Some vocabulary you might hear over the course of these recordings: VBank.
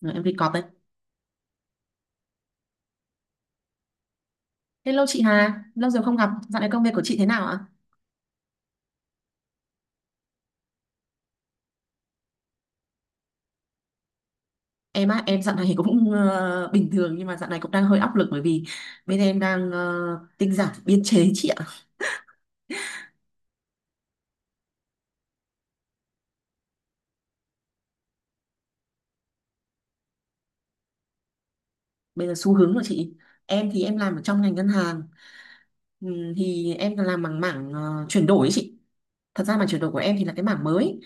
Rồi, em đi cọp đấy. Hello chị Hà, lâu rồi không gặp. Dạo này công việc của chị thế nào ạ? Em á, em dạo này cũng bình thường nhưng mà dạo này cũng đang hơi áp lực bởi vì bên em đang tinh giản biên chế chị ạ. Bây giờ xu hướng của chị. Em thì em làm ở trong ngành ngân hàng. Thì em làm bằng mảng chuyển đổi ấy chị. Thật ra mảng chuyển đổi của em thì là cái mảng mới.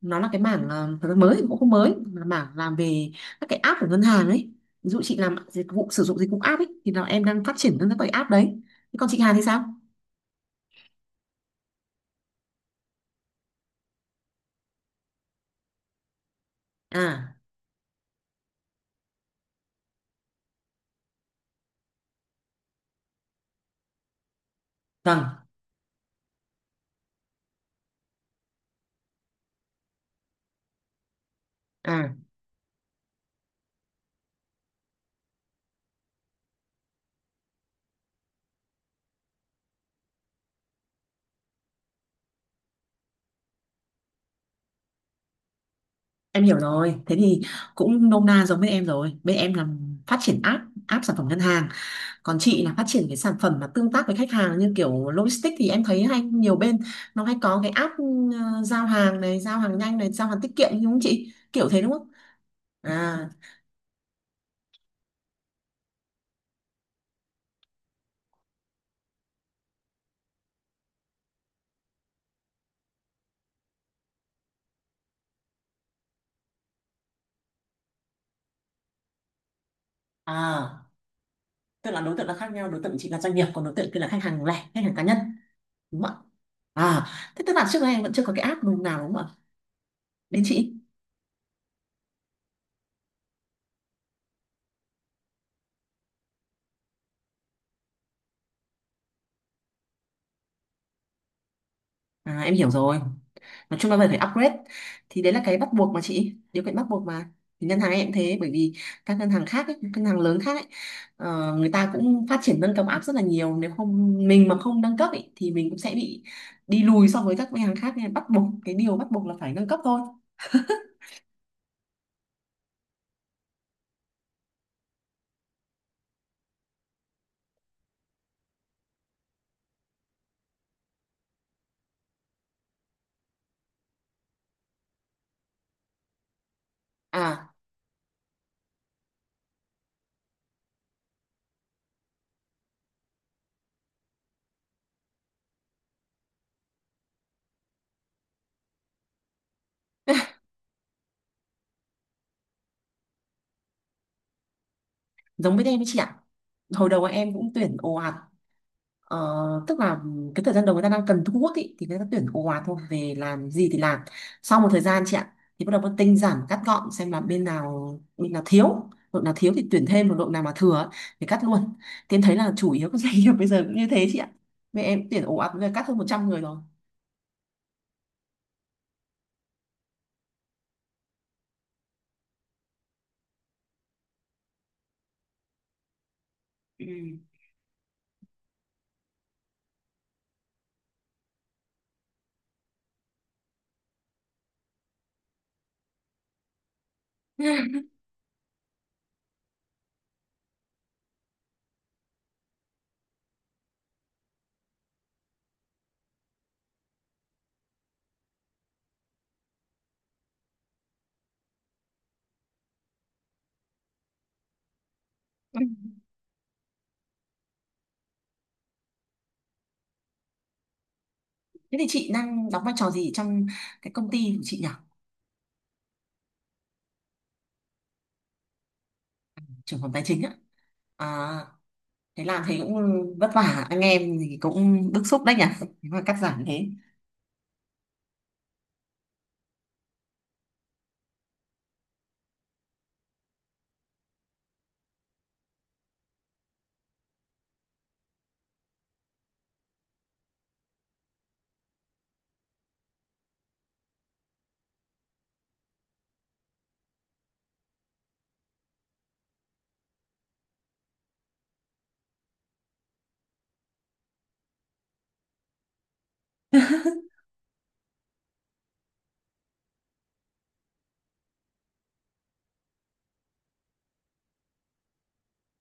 Nó là cái mảng thật ra mới thì cũng không mới, là mảng làm về các cái app của ngân hàng ấy. Ví dụ chị làm dịch vụ sử dụng dịch vụ app ấy thì là em đang phát triển các cái app đấy. Thế còn chị Hà thì sao? À, vâng. À, em hiểu rồi. Thế thì cũng nôm na giống bên em rồi. Bên em là phát triển app, app sản phẩm ngân hàng. Còn chị là phát triển cái sản phẩm mà tương tác với khách hàng như kiểu logistics thì em thấy hay nhiều bên nó hay có cái app, giao hàng này, giao hàng nhanh này, giao hàng tiết kiệm đúng không chị? Kiểu thế đúng không? À, à, tức là đối tượng là khác nhau, đối tượng chị là doanh nghiệp, còn đối tượng kia là khách hàng lẻ, khách hàng cá nhân, đúng không ạ? À, thế tức là trước đây em vẫn chưa có cái app nào đúng không ạ? Đến chị. À, em hiểu rồi. Nói chung là phải phải upgrade, thì đấy là cái bắt buộc mà chị, điều kiện bắt buộc mà. Thì ngân hàng em cũng thế bởi vì các ngân hàng khác ấy, các ngân hàng lớn khác ấy, người ta cũng phát triển nâng cấp app rất là nhiều, nếu không mình mà không nâng cấp ấy, thì mình cũng sẽ bị đi lùi so với các ngân hàng khác, nên bắt buộc cái điều bắt buộc là phải nâng cấp thôi. À, giống với em ấy chị ạ, hồi đầu em cũng tuyển ồ ạt. Ờ, tức là cái thời gian đầu người ta đang cần thu hút ý, thì người ta tuyển ồ ạt thôi, về làm gì thì làm. Sau một thời gian chị ạ, thì bắt đầu phân tinh giảm cắt gọn xem là bên nào thiếu, đội nào thiếu thì tuyển thêm, còn đội nào mà thừa ấy, thì cắt luôn. Thì em thấy là chủ yếu các doanh nghiệp bây giờ cũng như thế chị ạ, mẹ em tuyển ồ ạt bây giờ cắt hơn 100 người rồi. Ừ. Ừ. thế thì chị đang đóng vai trò gì trong cái công ty của chị nhỉ? Trưởng phòng tài chính á? À, thế làm thì cũng vất vả anh em thì cũng bức xúc đấy nhỉ. Thế mà cắt giảm thế,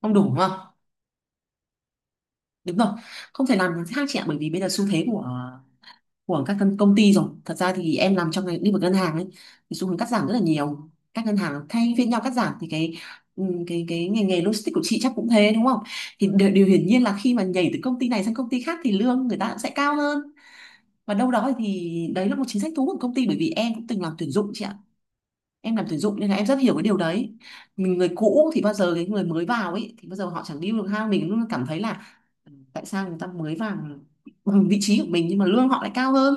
không đủ đúng không? Đúng rồi, không thể làm khác chị ạ bởi vì bây giờ xu thế của các công công ty rồi. Thật ra thì em làm trong ngành lĩnh vực ngân hàng ấy, thì xu hướng cắt giảm rất là nhiều, các ngân hàng thay phiên nhau cắt giảm thì cái ngành nghề logistics của chị chắc cũng thế đúng không? Thì điều hiển nhiên là khi mà nhảy từ công ty này sang công ty khác thì lương người ta cũng sẽ cao hơn, và đâu đó thì đấy là một chính sách thu hút của công ty, bởi vì em cũng từng làm tuyển dụng chị ạ, em làm tuyển dụng nên là em rất hiểu cái điều đấy. Mình người cũ thì bao giờ cái người mới vào ấy thì bao giờ họ chẳng điêu được, ha mình luôn cảm thấy là ừ, tại sao người ta mới vào bằng vị trí của mình nhưng mà lương họ lại cao hơn.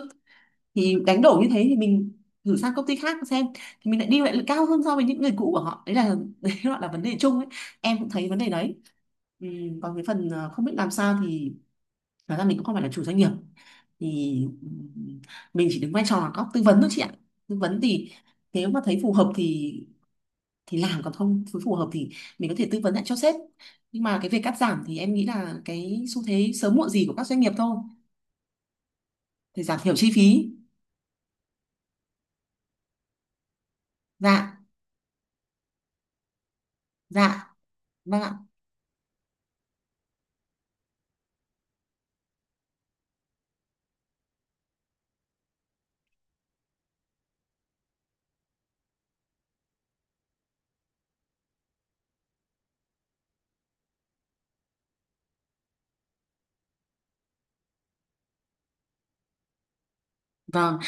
Thì đánh đổi như thế thì mình thử sang công ty khác xem, thì mình lại đi lại là cao hơn so với những người cũ của họ, đấy là đấy gọi là vấn đề chung ấy. Em cũng thấy vấn đề đấy. Ừ, còn cái phần không biết làm sao thì thật ra mình cũng không phải là chủ doanh nghiệp thì ừ, mình chỉ đứng vai trò là có tư vấn thôi chị ạ. Tư vấn thì nếu mà thấy phù hợp thì làm, còn không phù phù hợp thì mình có thể tư vấn lại cho sếp. Nhưng mà cái việc cắt giảm thì em nghĩ là cái xu thế sớm muộn gì của các doanh nghiệp thôi, để giảm thiểu chi phí. Dạ, dạ, vâng ạ. Vâng,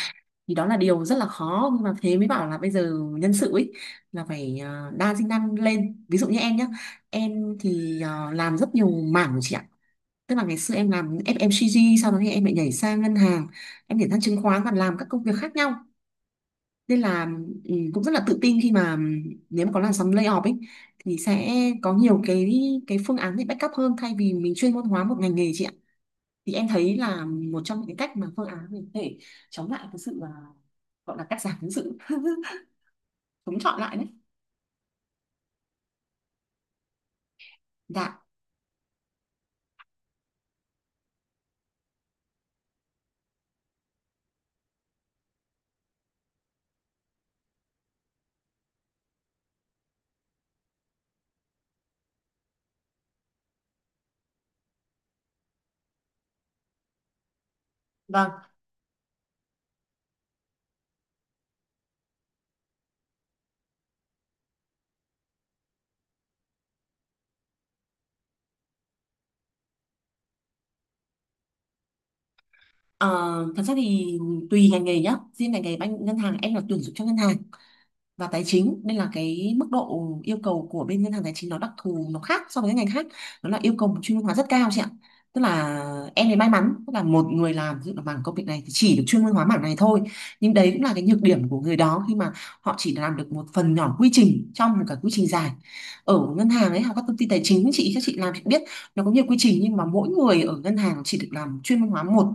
thì đó là điều rất là khó, nhưng mà thế mới bảo là bây giờ nhân sự ấy là phải đa sinh năng lên, ví dụ như em nhé. Em thì làm rất nhiều mảng chị ạ, tức là ngày xưa em làm FMCG, sau đó thì em lại nhảy sang ngân hàng, em nhảy sang chứng khoán và làm các công việc khác nhau. Nên là ừ, cũng rất là tự tin khi mà ừ, nếu mà có làn sóng layoff ấy thì sẽ có nhiều cái phương án để backup hơn, thay vì mình chuyên môn hóa một ngành nghề chị ạ. Thì em thấy là một trong những cái cách mà phương án mình có thể chống lại cái sự à, gọi là cắt giảm, cái sự chống chọi lại đấy. Dạ vâng. Ờ, thật ra thì tùy ngành nghề nhá, riêng ngành nghề banh ngân hàng em là tuyển dụng cho ngân hàng và tài chính nên là cái mức độ yêu cầu của bên ngân hàng tài chính nó đặc thù, nó khác so với các ngành khác, đó là yêu cầu một chuyên môn hóa rất cao chị ạ. Tức là em ấy may mắn, tức là một người làm ví dụ là mảng công việc này thì chỉ được chuyên môn hóa mảng này thôi. Nhưng đấy cũng là cái nhược điểm của người đó khi mà họ chỉ làm được một phần nhỏ quy trình trong một cái quy trình dài. Ở ngân hàng ấy hoặc các công ty tài chính chị, các chị làm chị biết, nó có nhiều quy trình nhưng mà mỗi người ở ngân hàng chỉ được làm chuyên môn hóa một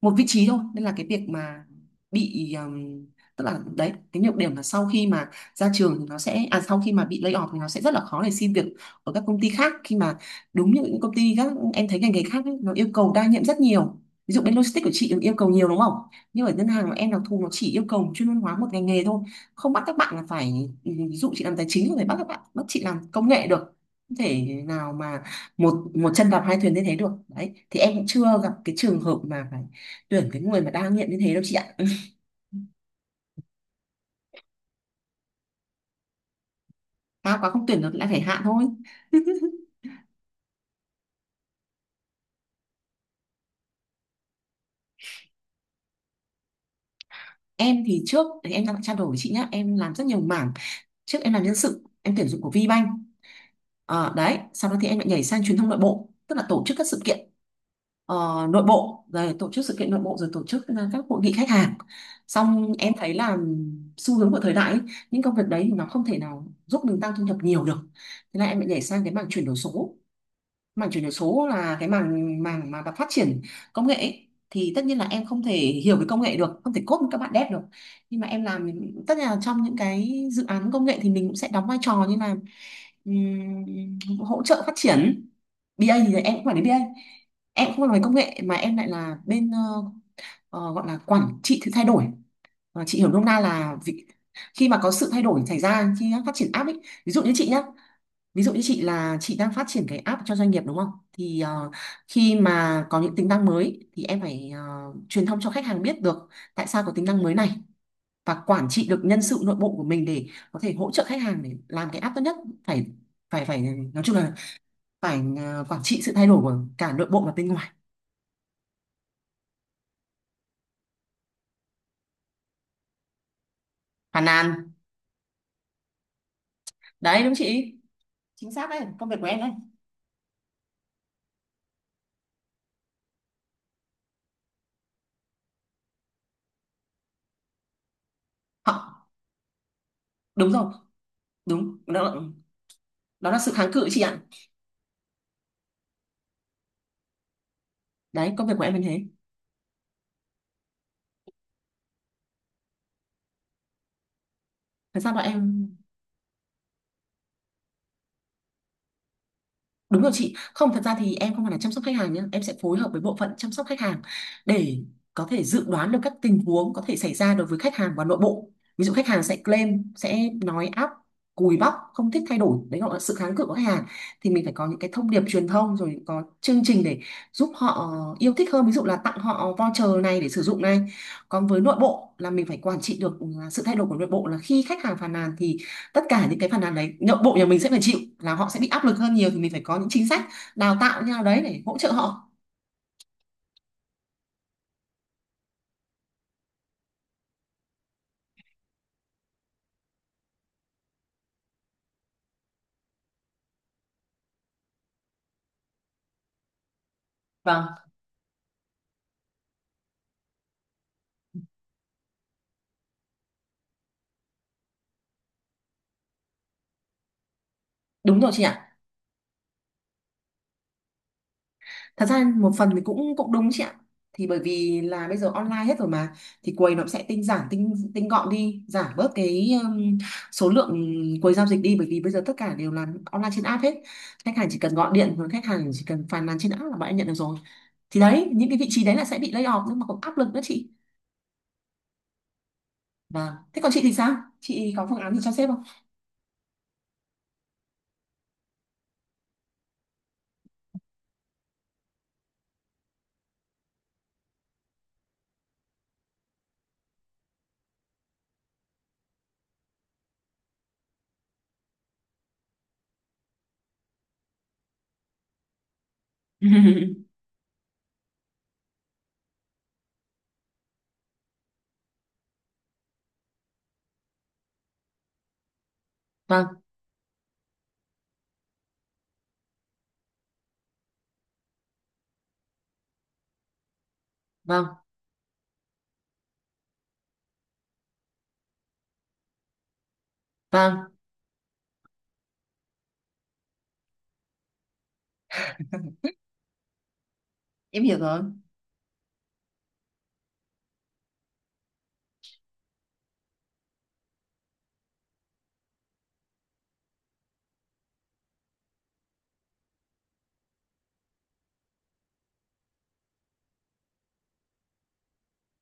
một vị trí thôi. Nên là cái việc mà bị tức là đấy cái nhược điểm là sau khi mà ra trường thì nó sẽ à sau khi mà bị lay off thì nó sẽ rất là khó để xin việc ở các công ty khác, khi mà đúng như những công ty các em thấy ngành nghề khác ấy, nó yêu cầu đa nhiệm rất nhiều. Ví dụ bên logistics của chị yêu cầu nhiều đúng không? Nhưng ở ngân hàng của em đặc thù nó chỉ yêu cầu chuyên môn hóa một ngành nghề thôi, không bắt các bạn là phải, ví dụ chị làm tài chính không thể bắt các bạn bắt chị làm công nghệ được, không thể nào mà một một chân đạp hai thuyền như thế được. Đấy thì em cũng chưa gặp cái trường hợp mà phải tuyển cái người mà đa nghiện như thế đâu chị ạ. Cao quá không tuyển được lại phải hạ thôi. em thì trước thì em đang trao đổi với chị nhá, em làm rất nhiều mảng, trước em làm nhân sự em tuyển dụng của VBank. Ờ, đấy sau đó thì em lại nhảy sang truyền thông nội bộ, tức là tổ chức các sự kiện ờ, nội bộ, rồi tổ chức sự kiện nội bộ, rồi tổ chức các hội nghị khách hàng. Xong em thấy là xu hướng của thời đại ấy, những công việc đấy thì nó không thể nào giúp mình tăng thu nhập nhiều được. Thế là em lại nhảy sang cái mảng chuyển đổi số. Mảng chuyển đổi số là cái mảng mảng mà phát triển công nghệ ấy. Thì tất nhiên là em không thể hiểu về công nghệ được, không thể code với các bạn dev được, nhưng mà em làm, tất nhiên là trong những cái dự án công nghệ thì mình cũng sẽ đóng vai trò như là hỗ trợ phát triển. BA, thì em cũng phải đến BA, em cũng không làm về công nghệ mà em lại là bên gọi là quản trị sự thay đổi. Ờ, chị hiểu nôm na là vị, khi mà có sự thay đổi xảy ra khi phát triển app ấy, ví dụ như chị nhá. Ví dụ như chị là chị đang phát triển cái app cho doanh nghiệp đúng không? Thì khi mà có những tính năng mới thì em phải truyền thông cho khách hàng biết được tại sao có tính năng mới này, và quản trị được nhân sự nội bộ của mình để có thể hỗ trợ khách hàng để làm cái app tốt nhất. Phải phải phải nói chung là phải quản trị sự thay đổi của cả nội bộ và bên ngoài. Phàn nàn. Đấy đúng chị. Chính xác đấy, công việc của em đấy. Họ đúng rồi, đúng. Đó, đó là sự kháng cự chị ạ. Đấy, công việc của em như thế. Thật ra bọn em. Đúng rồi chị, không, thật ra thì em không phải là chăm sóc khách hàng nhé, em sẽ phối hợp với bộ phận chăm sóc khách hàng để có thể dự đoán được các tình huống có thể xảy ra đối với khách hàng và nội bộ. Ví dụ khách hàng sẽ claim, sẽ nói áp, cùi bắp, không thích thay đổi, đấy gọi là sự kháng cự của khách hàng. Thì mình phải có những cái thông điệp truyền thông rồi có chương trình để giúp họ yêu thích hơn, ví dụ là tặng họ voucher này để sử dụng này. Còn với nội bộ là mình phải quản trị được sự thay đổi của nội bộ, là khi khách hàng phàn nàn thì tất cả những cái phản ánh đấy nội bộ nhà mình sẽ phải chịu, là họ sẽ bị áp lực hơn nhiều, thì mình phải có những chính sách đào tạo như nào đấy để hỗ trợ họ. Vâng, đúng rồi chị ạ, thật ra một phần thì cũng cũng đúng chị ạ, thì bởi vì là bây giờ online hết rồi mà, thì quầy nó cũng sẽ tinh giản, tinh tinh gọn đi, giảm bớt cái số lượng quầy giao dịch đi, bởi vì bây giờ tất cả đều làm online trên app hết, khách hàng chỉ cần gọi điện hoặc khách hàng chỉ cần phàn nàn trên app là bạn em nhận được rồi. Thì đấy, những cái vị trí đấy là sẽ bị lay off, nhưng mà cũng áp lực nữa chị. Vâng, thế còn chị thì sao, chị có phương án gì cho sếp không? Vâng, vâng, vâng, em hiểu rồi.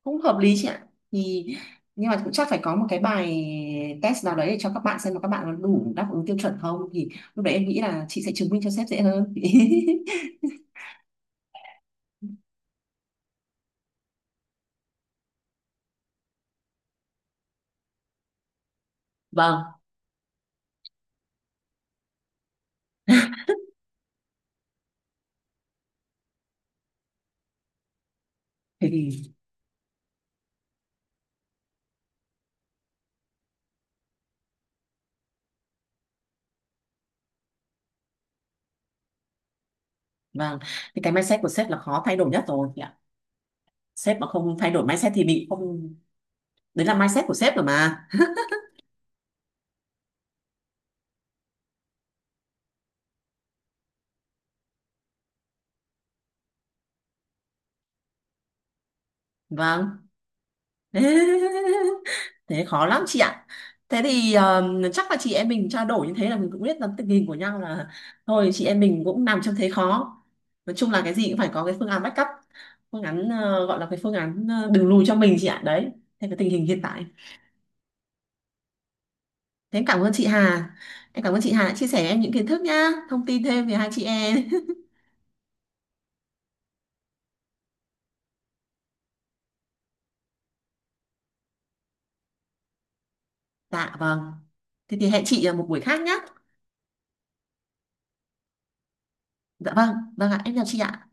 Cũng hợp lý chị ạ. Thì nhưng mà cũng chắc phải có một cái bài test nào đấy để cho các bạn xem là các bạn có đủ đáp ứng tiêu chuẩn không, thì lúc đấy em nghĩ là chị sẽ chứng minh cho sếp dễ hơn. Vâng, thế thì vâng, thì cái mindset của sếp là khó thay đổi nhất rồi chị ạ. Sếp mà không thay đổi mindset thì bị không. Đấy là mindset của sếp rồi mà. Vâng. Thế khó lắm chị ạ. Thế thì chắc là chị em mình trao đổi như thế là mình cũng biết lắm tình hình của nhau, là thôi chị em mình cũng nằm trong thế khó. Nói chung là cái gì cũng phải có cái phương án backup, phương án gọi là cái phương án đường lùi cho mình chị ạ. Đấy, thế cái tình hình hiện tại. Thế em cảm ơn chị Hà, em cảm ơn chị Hà đã chia sẻ em những kiến thức nhá, thông tin thêm về hai chị em. Dạ vâng, thế thì hẹn chị ở một buổi khác nhá. Dạ vâng, vâng ạ, em chào chị ạ.